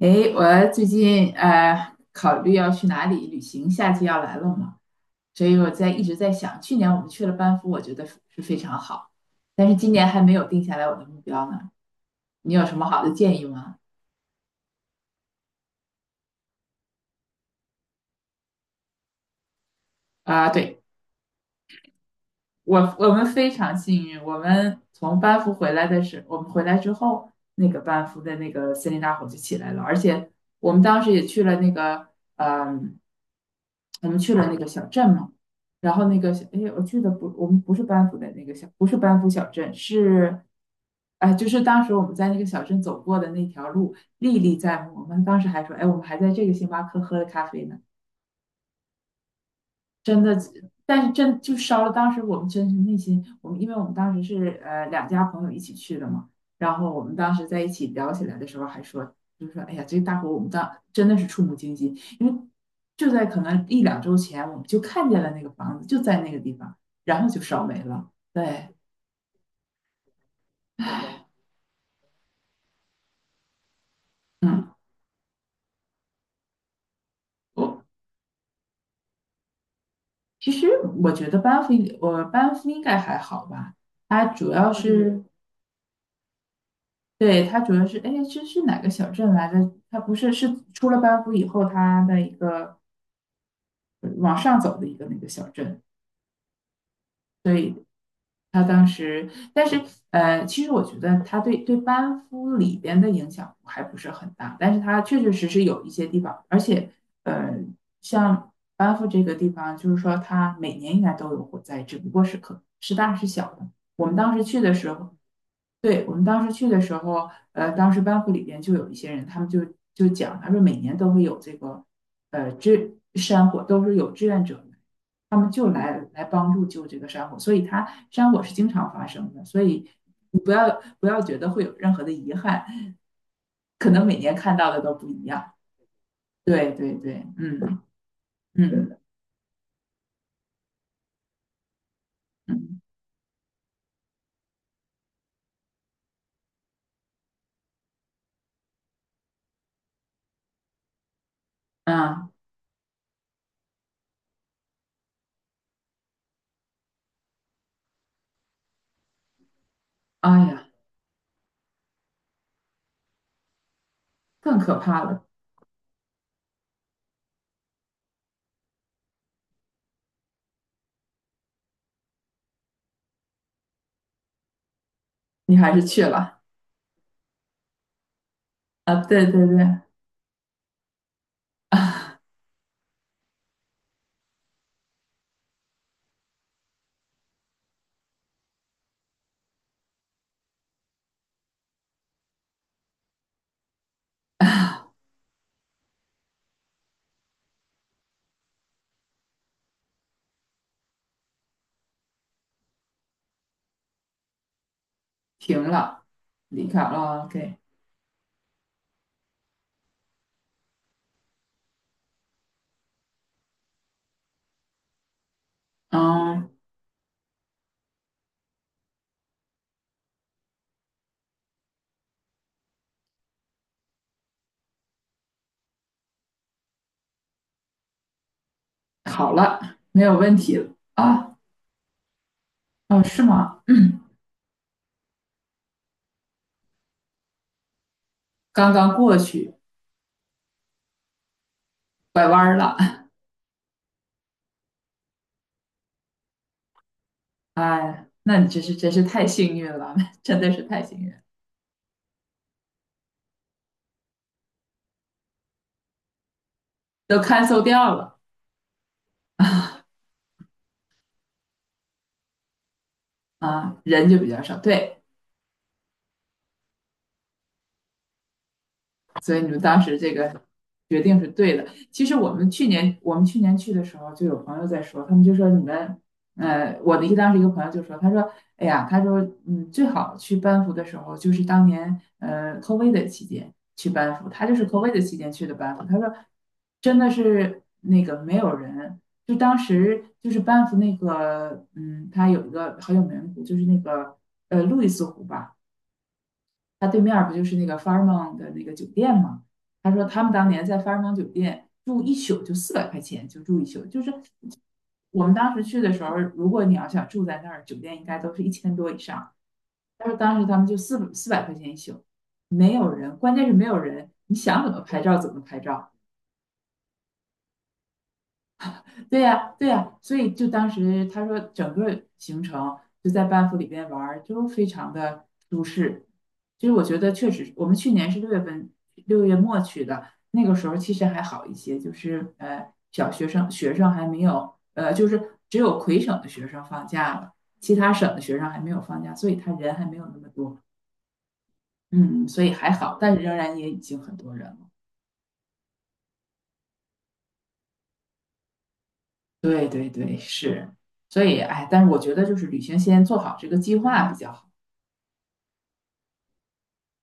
诶，我最近考虑要去哪里旅行，夏季要来了嘛，所以我一直在想，去年我们去了班夫，我觉得是非常好，但是今年还没有定下来我的目标呢。你有什么好的建议吗？啊、对，我们非常幸运，我们从班夫回来的时候，我们回来之后，那个班夫的那个森林大火就起来了，而且我们当时也去了那个，嗯，我们去了那个小镇嘛，然后那个小，哎，我去的不，我们不是班夫的那个小，不是班夫小镇，是，哎，就是当时我们在那个小镇走过的那条路历历在目，我们当时还说，哎，我们还在这个星巴克喝了咖啡呢。真的，但是真就烧了。当时我们真是内心，我们因为我们当时是两家朋友一起去的嘛，然后我们当时在一起聊起来的时候还说，就说哎呀，这个大火我们当真的是触目惊心，因为就在可能一两周前，我们就看见了那个房子就在那个地方，然后就烧没了。对，唉。嗯，我其实我觉得班夫，我班夫应该还好吧。它主要是，对，它主要是，哎，这是哪个小镇来着？它不是，是出了班夫以后，它的一个往上走的一个那个小镇。所以他当时，但是其实我觉得他对班夫里边的影响还不是很大，但是他确确实实有一些地方，而且呃，像班夫这个地方，就是说它每年应该都有火灾，只不过是可是大是小的。我们当时去的时候。对，我们当时去的时候，当时班会里边就有一些人，他们就讲，他说每年都会有这个，山火都是有志愿者来，他们就来帮助救这个山火，所以它山火是经常发生的，所以你不要觉得会有任何的遗憾，可能每年看到的都不一样。对对对，嗯嗯嗯。啊，哎呀，更可怕了，你还是去了啊？对对对，停了，离开啊 o k。 嗯，好了，没有问题了啊。哦，是吗？嗯，刚刚过去，拐弯儿了。哎，那你真是真是太幸运了，真的是太幸运了。都 cancel 掉了啊，人就比较少。对，所以你们当时这个决定是对的。其实我们去年去的时候，就有朋友在说，他们就说你们，呃，我的一当时一个朋友就说，他说，哎呀，他说，嗯，最好去班夫的时候就是当年COVID 的期间去班夫，他就是 COVID 的期间去的班夫，他说真的是那个没有人。就当时就是班夫那个，嗯，他有一个很有名的湖，就是那个路易斯湖吧，他对面不就是那个 Fairmont 的那个酒店吗？他说他们当年在 Fairmont 酒店住一宿就400块钱，就住一宿。就是我们当时去的时候，如果你要想住在那儿，酒店应该都是1000多以上。他说当时他们就四百块钱一宿，没有人，关键是没有人，你想怎么拍照怎么拍照。对呀，对呀，所以就当时他说整个行程就在班夫里边玩儿，就非常的舒适。其实我觉得确实，我们去年是6月份，6月末去的，那个时候其实还好一些，就是小学生还没有，就是只有魁省的学生放假了，其他省的学生还没有放假，所以他人还没有那么多，嗯，所以还好，但是仍然也已经很多人了。对对对，是，所以哎，但是我觉得就是旅行先做好这个计划比较好。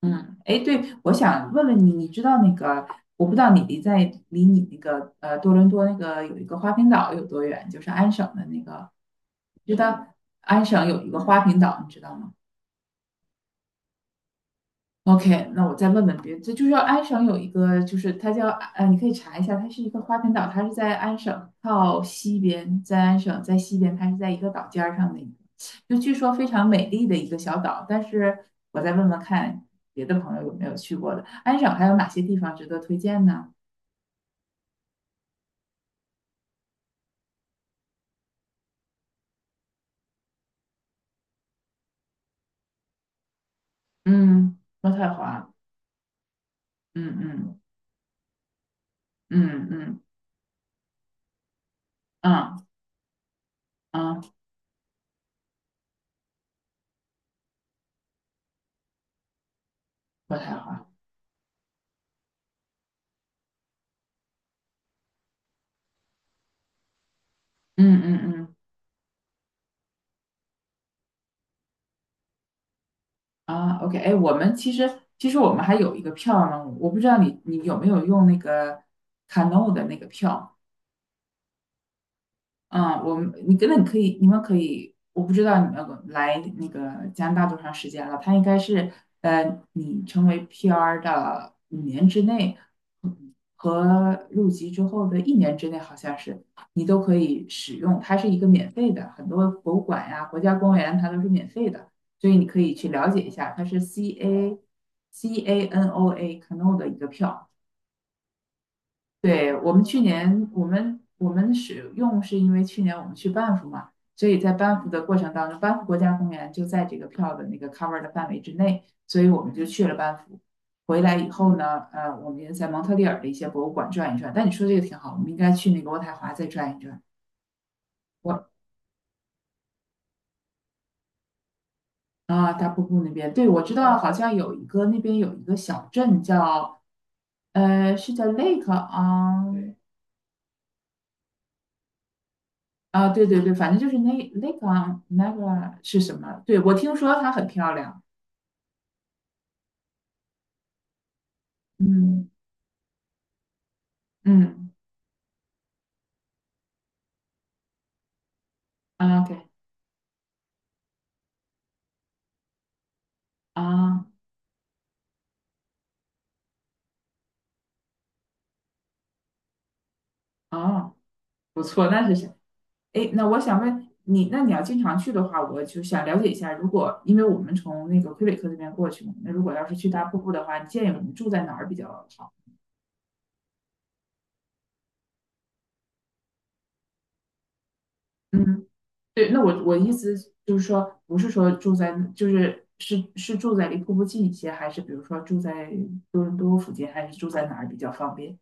嗯，哎，对，我想问问你，你知道那个，我不知道你离你那个多伦多那个有一个花瓶岛有多远，就是安省的那个，知道安省有一个花瓶岛，你知道吗？OK，那我再问问别，这就是要安省有一个，就是它叫，你可以查一下，它是一个花盆岛，它是在安省靠西边，在安省在西边，它是在一个岛尖儿上的一个，就据说非常美丽的一个小岛。但是我再问问看别的朋友有没有去过的，安省还有哪些地方值得推荐呢？嗯，渥太华，嗯嗯嗯嗯嗯嗯，渥太华，嗯嗯嗯。啊，OK，哎，我们其实其实我们还有一个票呢，我不知道你有没有用那个 Cano 的那个票。嗯，我们你根本可以，你们可以，我不知道你们来那个加拿大多长时间了，他应该是你成为 PR 的5年之内，嗯，和入籍之后的1年之内，好像是你都可以使用，它是一个免费的，很多博物馆呀、国家公园它都是免费的，所以你可以去了解一下，它是 C A N O A Canoa 的一个票。对，我们去年我们使用是因为去年我们去班夫嘛，所以在班夫的过程当中，班夫国家公园就在这个票的那个 cover 的范围之内，所以我们就去了班夫。回来以后呢，我们也在蒙特利尔的一些博物馆转一转。但你说这个挺好，我们应该去那个渥太华再转一转。我啊，大瀑布那边，对，我知道好像有一个那边有一个小镇叫，是叫 Lake on， 对。啊，对对对，反正就是那那 e 是什么？对，我听说它很漂亮。嗯嗯，啊，OK 啊。哦，不错，那是谁？哎，那我想问你，那你要经常去的话，我就想了解一下，如果因为我们从那个魁北克那边过去嘛，那如果要是去大瀑布的话，你建议我们住在哪儿比较好？嗯，对，那我意思就是说，不是说住在，就是是住在离瀑布近一些，还是比如说住在多伦多附近，还是住在哪儿比较方便？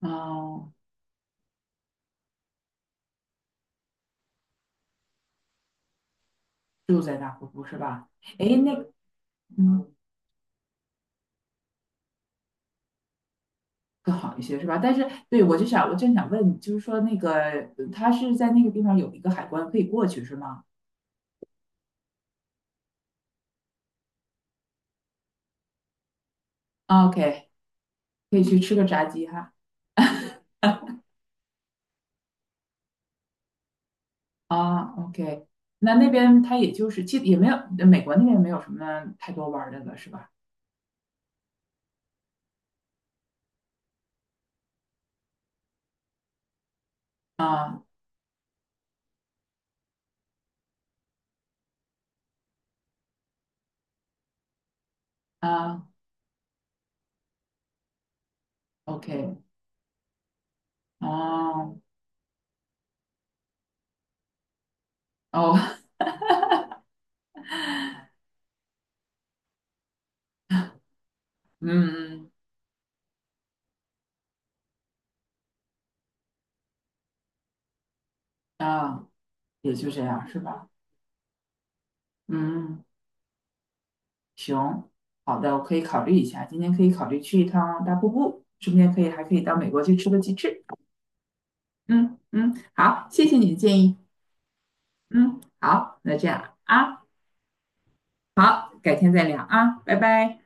哦，住在大瀑布是吧？哎，那嗯，更好一些是吧？但是对我就想，我就想问，就是说那个他是在那个地方有一个海关可以过去是吗 o k 可以去吃个炸鸡哈。啊，OK，那那边他也就是其实也没有，美国那边没有什么太多玩儿的了是吧？啊。啊，OK，哦。哦，嗯嗯。啊，也就这样是吧？嗯。行，好的，我可以考虑一下，今天可以考虑去一趟大瀑布，顺便可以还可以到美国去吃个鸡翅。嗯嗯，好，谢谢你的建议。嗯，好，那这样啊，好，改天再聊啊，拜拜。